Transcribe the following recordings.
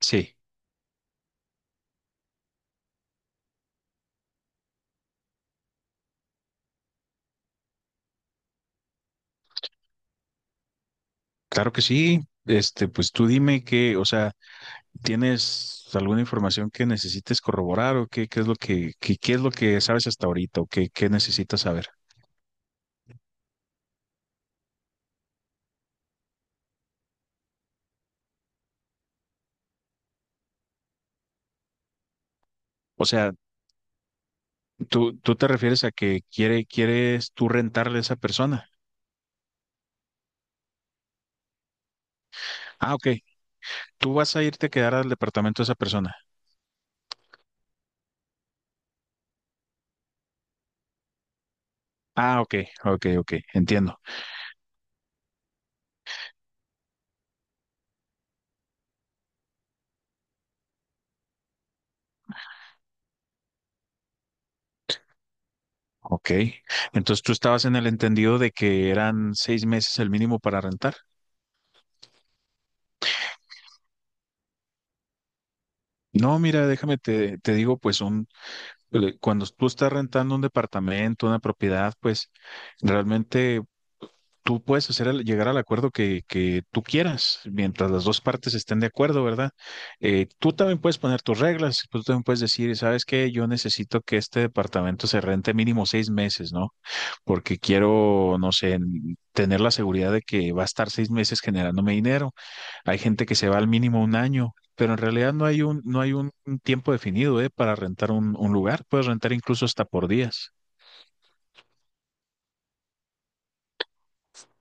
Sí, claro que sí. Pues tú dime que, o sea, ¿tienes alguna información que necesites corroborar o qué, qué es lo que sabes hasta ahorita o qué necesitas saber? O sea, tú te refieres a que quieres tú rentarle a esa persona. Ah, ok. Tú vas a irte a quedar al departamento de esa persona. Ah, ok, ok, ok, entiendo. Ok. Entonces tú estabas en el entendido de que eran 6 meses el mínimo para rentar. No, mira, déjame te digo, pues cuando tú estás rentando un departamento, una propiedad, pues realmente tú puedes llegar al acuerdo que tú quieras, mientras las dos partes estén de acuerdo, ¿verdad? Tú también puedes poner tus reglas, pues, tú también puedes decir, ¿sabes qué? Yo necesito que este departamento se rente mínimo 6 meses, ¿no? Porque quiero, no sé, tener la seguridad de que va a estar 6 meses generándome dinero. Hay gente que se va al mínimo un año, pero en realidad no hay un tiempo definido, ¿eh?, para rentar un lugar. Puedes rentar incluso hasta por días.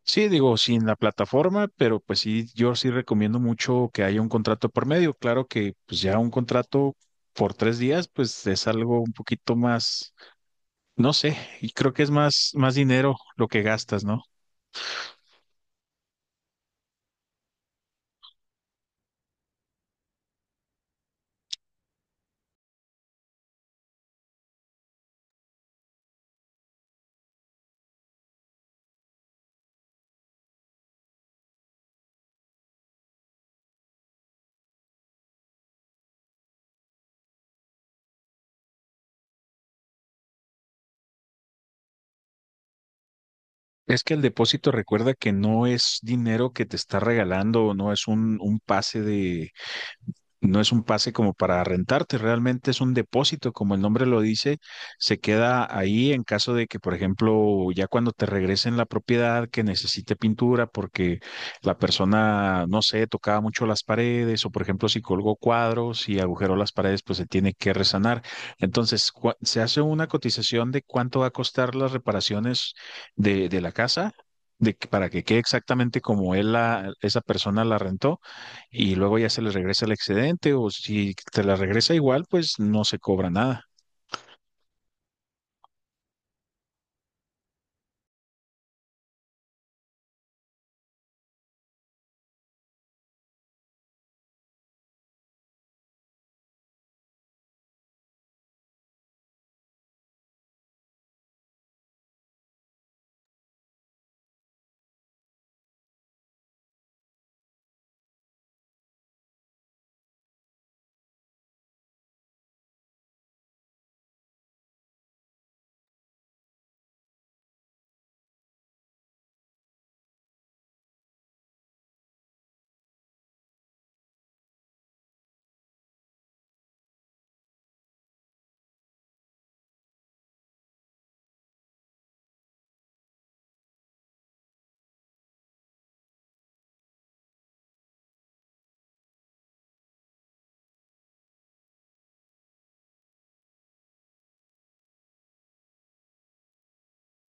Sí, digo, sin la plataforma, pero pues sí, yo sí recomiendo mucho que haya un contrato por medio. Claro que pues ya un contrato por 3 días, pues es algo un poquito más, no sé, y creo que es más dinero lo que gastas, ¿no? Es que el depósito recuerda que no es dinero que te está regalando, no es un pase de, no es un pase como para rentarte, realmente es un depósito, como el nombre lo dice, se queda ahí en caso de que, por ejemplo, ya cuando te regresen la propiedad que necesite pintura porque la persona, no sé, tocaba mucho las paredes o, por ejemplo, si colgó cuadros y agujeró las paredes, pues se tiene que resanar. Entonces, se hace una cotización de cuánto va a costar las reparaciones de la casa. Para que quede exactamente como él esa persona la rentó, y luego ya se les regresa el excedente o si te la regresa igual, pues no se cobra nada.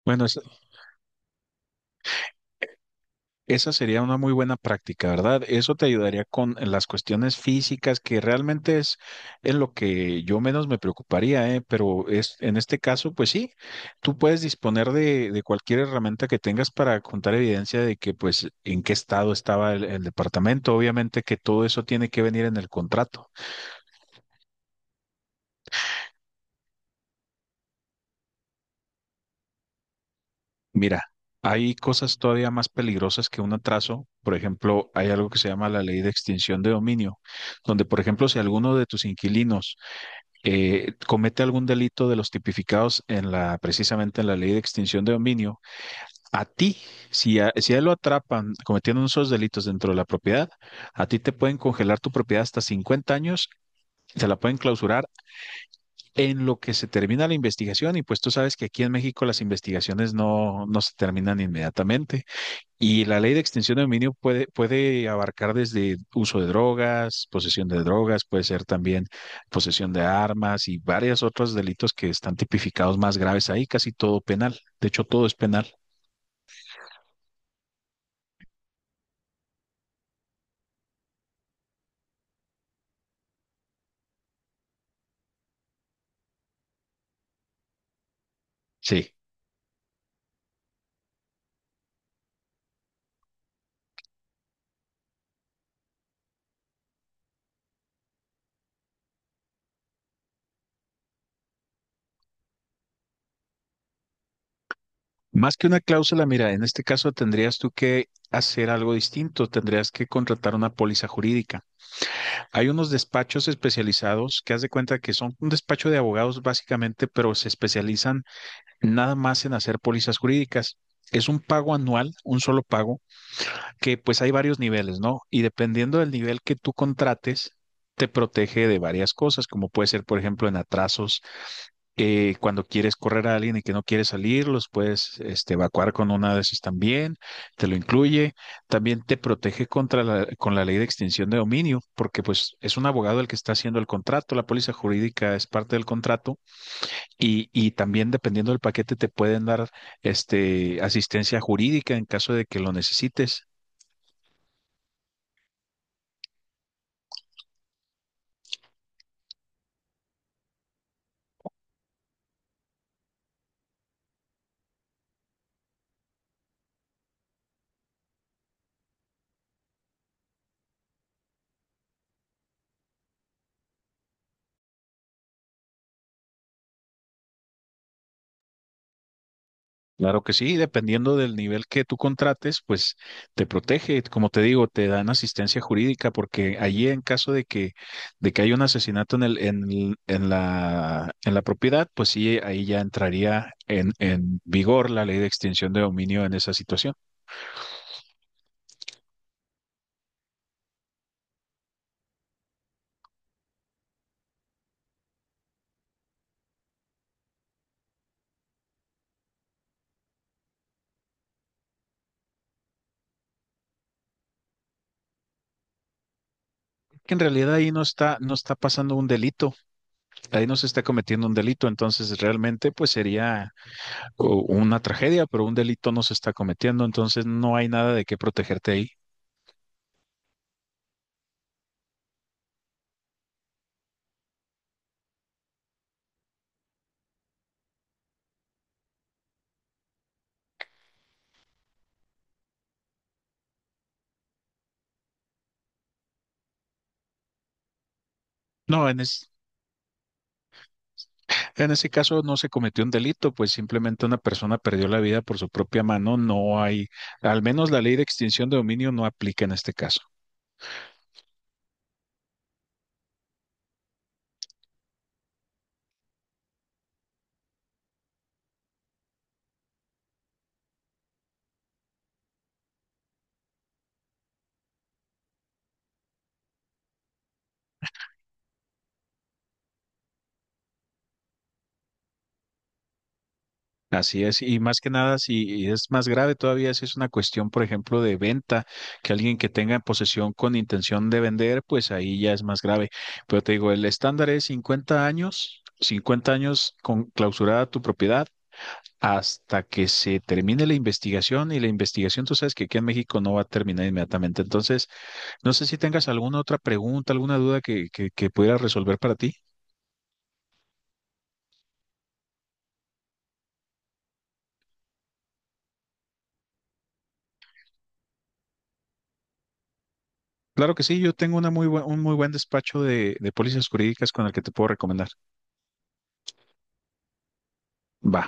Bueno, esa sería una muy buena práctica, ¿verdad? Eso te ayudaría con las cuestiones físicas, que realmente es en lo que yo menos me preocuparía, ¿eh? Pero es, en este caso, pues sí, tú puedes disponer de cualquier herramienta que tengas para contar evidencia de que, pues, en qué estado estaba el departamento. Obviamente que todo eso tiene que venir en el contrato. Mira, hay cosas todavía más peligrosas que un atraso. Por ejemplo, hay algo que se llama la ley de extinción de dominio, donde, por ejemplo, si alguno de tus inquilinos comete algún delito de los tipificados en la, precisamente en la ley de extinción de dominio, a ti, si a él lo atrapan cometiendo esos delitos dentro de la propiedad, a ti te pueden congelar tu propiedad hasta 50 años. Te la pueden clausurar en lo que se termina la investigación y pues tú sabes que aquí en México las investigaciones no, no se terminan inmediatamente. Y la ley de extinción de dominio puede abarcar desde uso de drogas, posesión de drogas, puede ser también posesión de armas y varios otros delitos que están tipificados más graves ahí, casi todo penal. De hecho, todo es penal. Sí. Más que una cláusula, mira, en este caso tendrías tú que hacer algo distinto, tendrías que contratar una póliza jurídica. Hay unos despachos especializados que haz de cuenta que son un despacho de abogados básicamente, pero se especializan nada más en hacer pólizas jurídicas. Es un pago anual, un solo pago, que pues hay varios niveles, ¿no? Y dependiendo del nivel que tú contrates, te protege de varias cosas, como puede ser, por ejemplo, en atrasos, cuando quieres correr a alguien y que no quiere salir, los puedes evacuar con una de esas también, te lo incluye. También te protege con la ley de extinción de dominio, porque pues es un abogado el que está haciendo el contrato, la póliza jurídica es parte del contrato y, también dependiendo del paquete te pueden dar asistencia jurídica en caso de que lo necesites. Claro que sí, dependiendo del nivel que tú contrates, pues te protege. Como te digo, te dan asistencia jurídica porque allí en caso de que, haya un asesinato en en la propiedad, pues sí, ahí ya entraría en vigor la ley de extinción de dominio en esa situación. Que en realidad ahí no está, no está pasando un delito, ahí no se está cometiendo un delito, entonces realmente pues sería una tragedia, pero un delito no se está cometiendo, entonces no hay nada de qué protegerte ahí. No, en ese caso no se cometió un delito, pues simplemente una persona perdió la vida por su propia mano. No hay, al menos la ley de extinción de dominio no aplica en este caso. Así es, y más que nada, si es más grave todavía, si es una cuestión, por ejemplo, de venta, que alguien que tenga en posesión con intención de vender, pues ahí ya es más grave. Pero te digo, el estándar es 50 años, 50 años con clausurada tu propiedad hasta que se termine la investigación y la investigación, tú sabes que aquí en México no va a terminar inmediatamente. Entonces, no sé si tengas alguna otra pregunta, alguna duda que pudiera resolver para ti. Claro que sí, yo tengo un muy buen despacho de pólizas jurídicas con el que te puedo recomendar. Va.